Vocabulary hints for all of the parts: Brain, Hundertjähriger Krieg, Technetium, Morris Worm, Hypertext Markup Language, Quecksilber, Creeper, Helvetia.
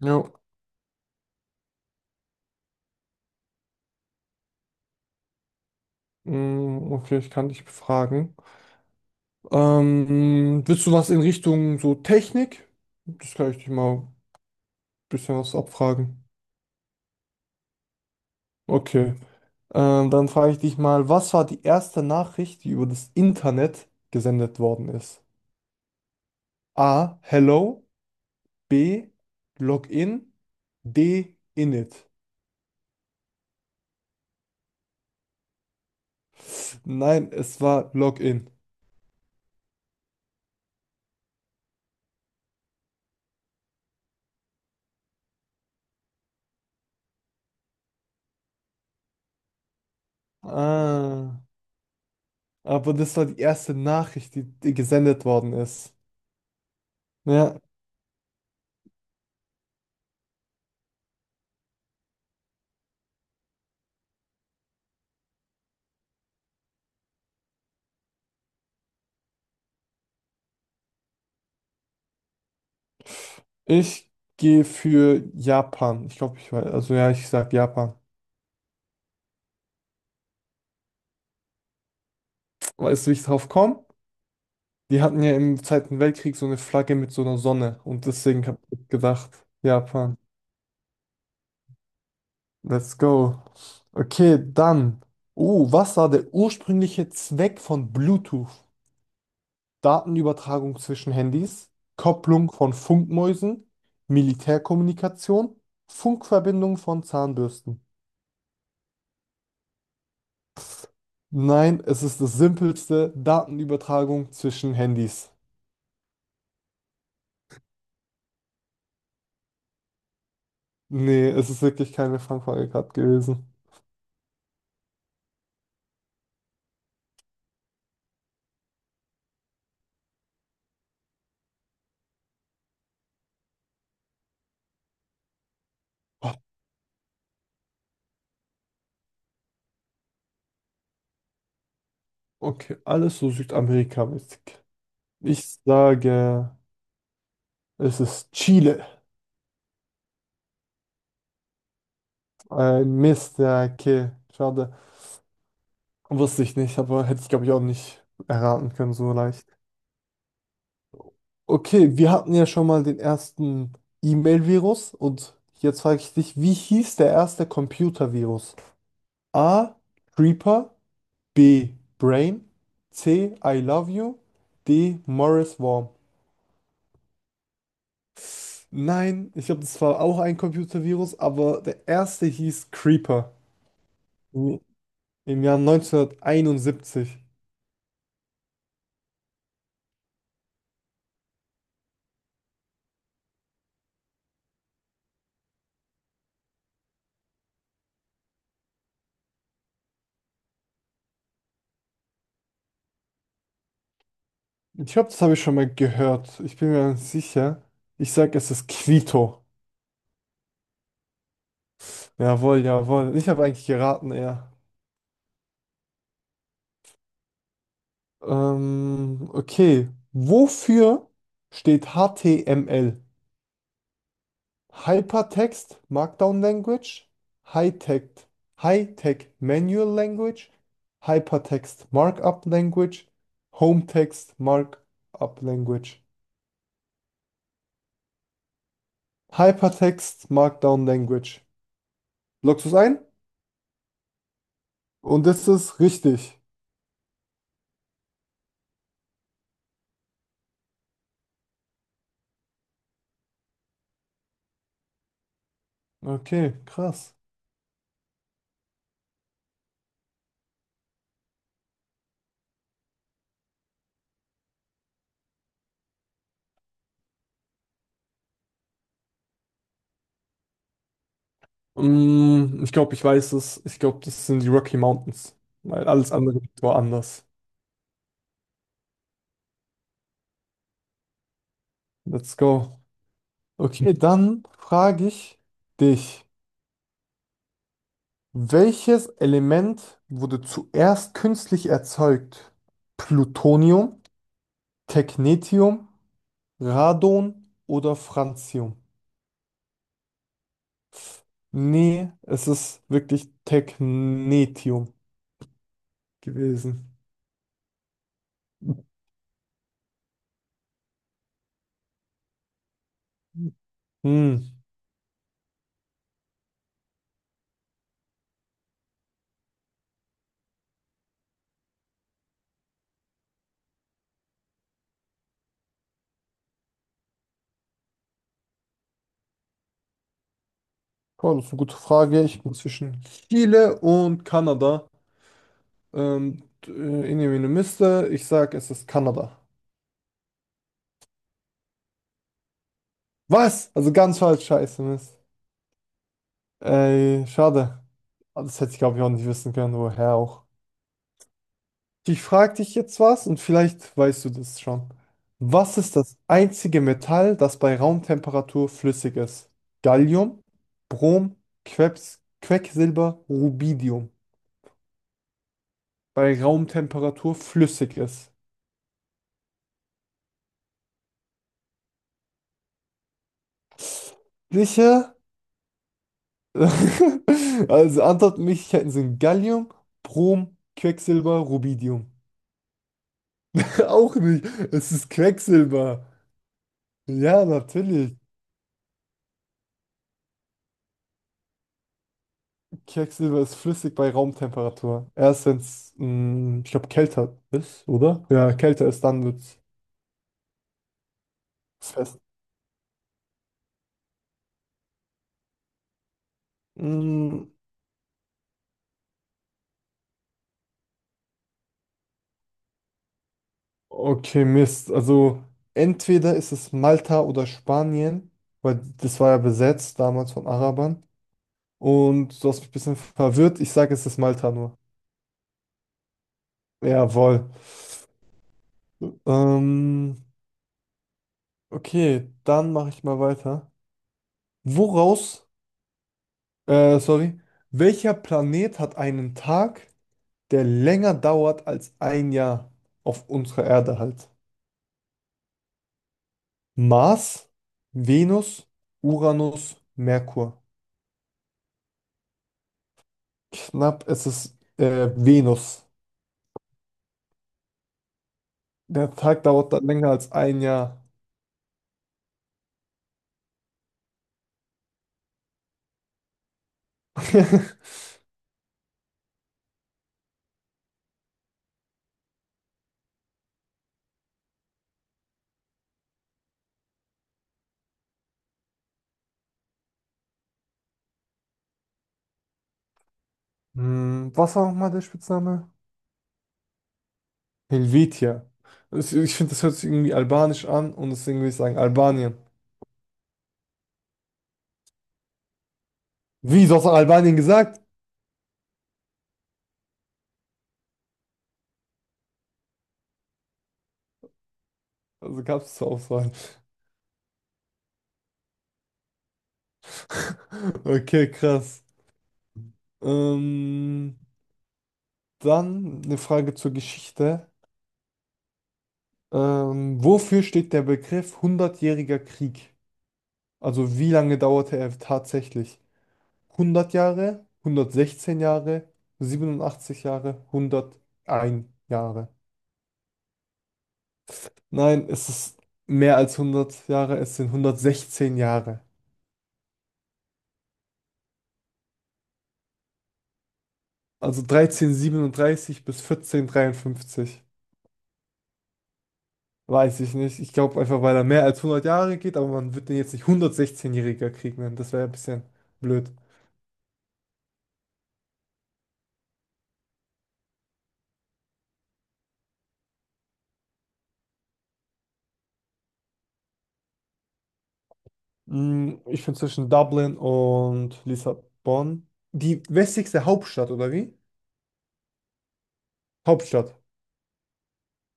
Ja, okay, ich kann dich befragen. Willst du was in Richtung so Technik? Das kann ich dich mal ein bisschen was abfragen. Okay, dann frage ich dich mal, was war die erste Nachricht, die über das Internet gesendet worden ist? A. Hello. B. Login. D. Init. Nein, es war Login. Ah, aber das war die erste Nachricht, die gesendet worden ist. Ja, ich gehe für Japan. Ich glaube, ich weiß, also ja, ich sag Japan. Weißt du, wie ich drauf komme? Die hatten ja im Zweiten Weltkrieg so eine Flagge mit so einer Sonne und deswegen habe ich gedacht, Japan, let's go. Okay, dann. Oh, was war der ursprüngliche Zweck von Bluetooth? Datenübertragung zwischen Handys, Kopplung von Funkmäusen, Militärkommunikation, Funkverbindung von Zahnbürsten. Nein, es ist das simpelste Datenübertragung zwischen Handys. Nee, es ist wirklich keine Fangfrage gewesen. Okay, alles so südamerikamäßig. Ich sage, es ist Chile. Ein Mist, ja, okay, schade. Wusste ich nicht, aber hätte ich, glaube ich, auch nicht erraten können so leicht. Okay, wir hatten ja schon mal den ersten E-Mail-Virus und jetzt frage ich dich, wie hieß der erste Computer-Virus? A. Creeper. B. Brain. C. I Love You. D. Morris Worm. Nein, ich glaube, das war auch ein Computervirus, aber der erste hieß Creeper. Im im Jahr 1971. Ich glaube, das habe ich schon mal gehört. Ich bin mir nicht sicher. Ich sage, es ist Quito. Jawohl, jawohl. Ich habe eigentlich geraten, ja. Okay. Wofür steht HTML? Hypertext Markdown Language, High-Text, High-Tech Manual Language, Hypertext Markup Language, Home Text Markup Language, Hypertext Markdown Language. Loggst du es ein? Und das ist richtig. Okay, krass. Ich glaube, ich weiß es. Ich glaube, das sind die Rocky Mountains, weil alles andere war anders. Let's go. Okay, dann frage ich dich. Welches Element wurde zuerst künstlich erzeugt? Plutonium, Technetium, Radon oder Francium? Nee, es ist wirklich Technetium gewesen. Hm. Ja, das ist eine gute Frage. Ich bin zwischen Chile und Kanada. In eine Miste. Ich sag, es ist Kanada. Was? Also ganz falsch, scheiße, Mist. Ey, schade. Ah, das hätte ich, glaube ich, auch nicht wissen können, woher auch. Ich frage dich jetzt was und vielleicht weißt du das schon. Was ist das einzige Metall, das bei Raumtemperatur flüssig ist? Gallium, Brom, Quecks, Quecksilber, Rubidium. Bei Raumtemperatur flüssig ist. Sicher? Also Antwortmöglichkeiten sind Gallium, Brom, Quecksilber, Rubidium. Auch nicht. Es ist Quecksilber. Ja, natürlich. Quecksilber ist flüssig bei Raumtemperatur. Erst wenn es, ich glaube, kälter ist, oder? Ja, kälter ist, dann wird es fest. Mm, okay, Mist. Also entweder ist es Malta oder Spanien, weil das war ja besetzt damals von Arabern. Und du hast mich ein bisschen verwirrt. Ich sage, es ist Malta nur. Jawohl. Ähm, okay, dann mache ich mal weiter. Woraus, sorry, welcher Planet hat einen Tag, der länger dauert als ein Jahr auf unserer Erde halt? Mars, Venus, Uranus, Merkur. Knapp, es ist Venus. Der Tag dauert dann länger als ein Jahr. Hm, was war nochmal der Spitzname? Helvetia. Ich finde, das hört sich irgendwie albanisch an und deswegen würde ich sagen Albanien. Wie, du hast doch Albanien gesagt? Also gab es zur Auswahl. Okay, krass. Ähm, Dann eine Frage zur Geschichte. Wofür steht der Begriff Hundertjähriger Krieg? Also wie lange dauerte er tatsächlich? 100 Jahre, 116 Jahre, 87 Jahre, 101 Jahre. Nein, es ist mehr als 100 Jahre, es sind 116 Jahre. Also 1337 bis 1453. Weiß ich nicht. Ich glaube einfach, weil er mehr als 100 Jahre geht, aber man wird den jetzt nicht 116-jähriger Krieg nennen. Das wäre ja ein bisschen blöd. Ich bin zwischen Dublin und Lissabon. Die westlichste Hauptstadt, oder wie? Hauptstadt.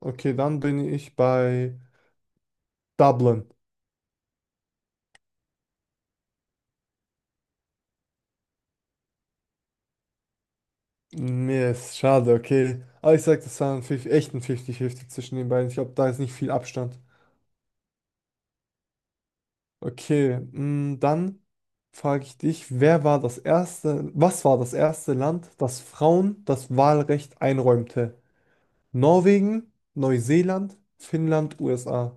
Okay, dann bin ich bei Dublin. Mir ist schade, okay. Aber ich sag, das war ein echt ein 50-50 zwischen den beiden. Ich glaube, da ist nicht viel Abstand. Okay, dann frage ich dich, wer war das erste, was war das erste Land, das Frauen das Wahlrecht einräumte? Norwegen, Neuseeland, Finnland, USA.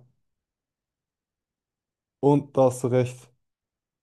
Und da hast du recht.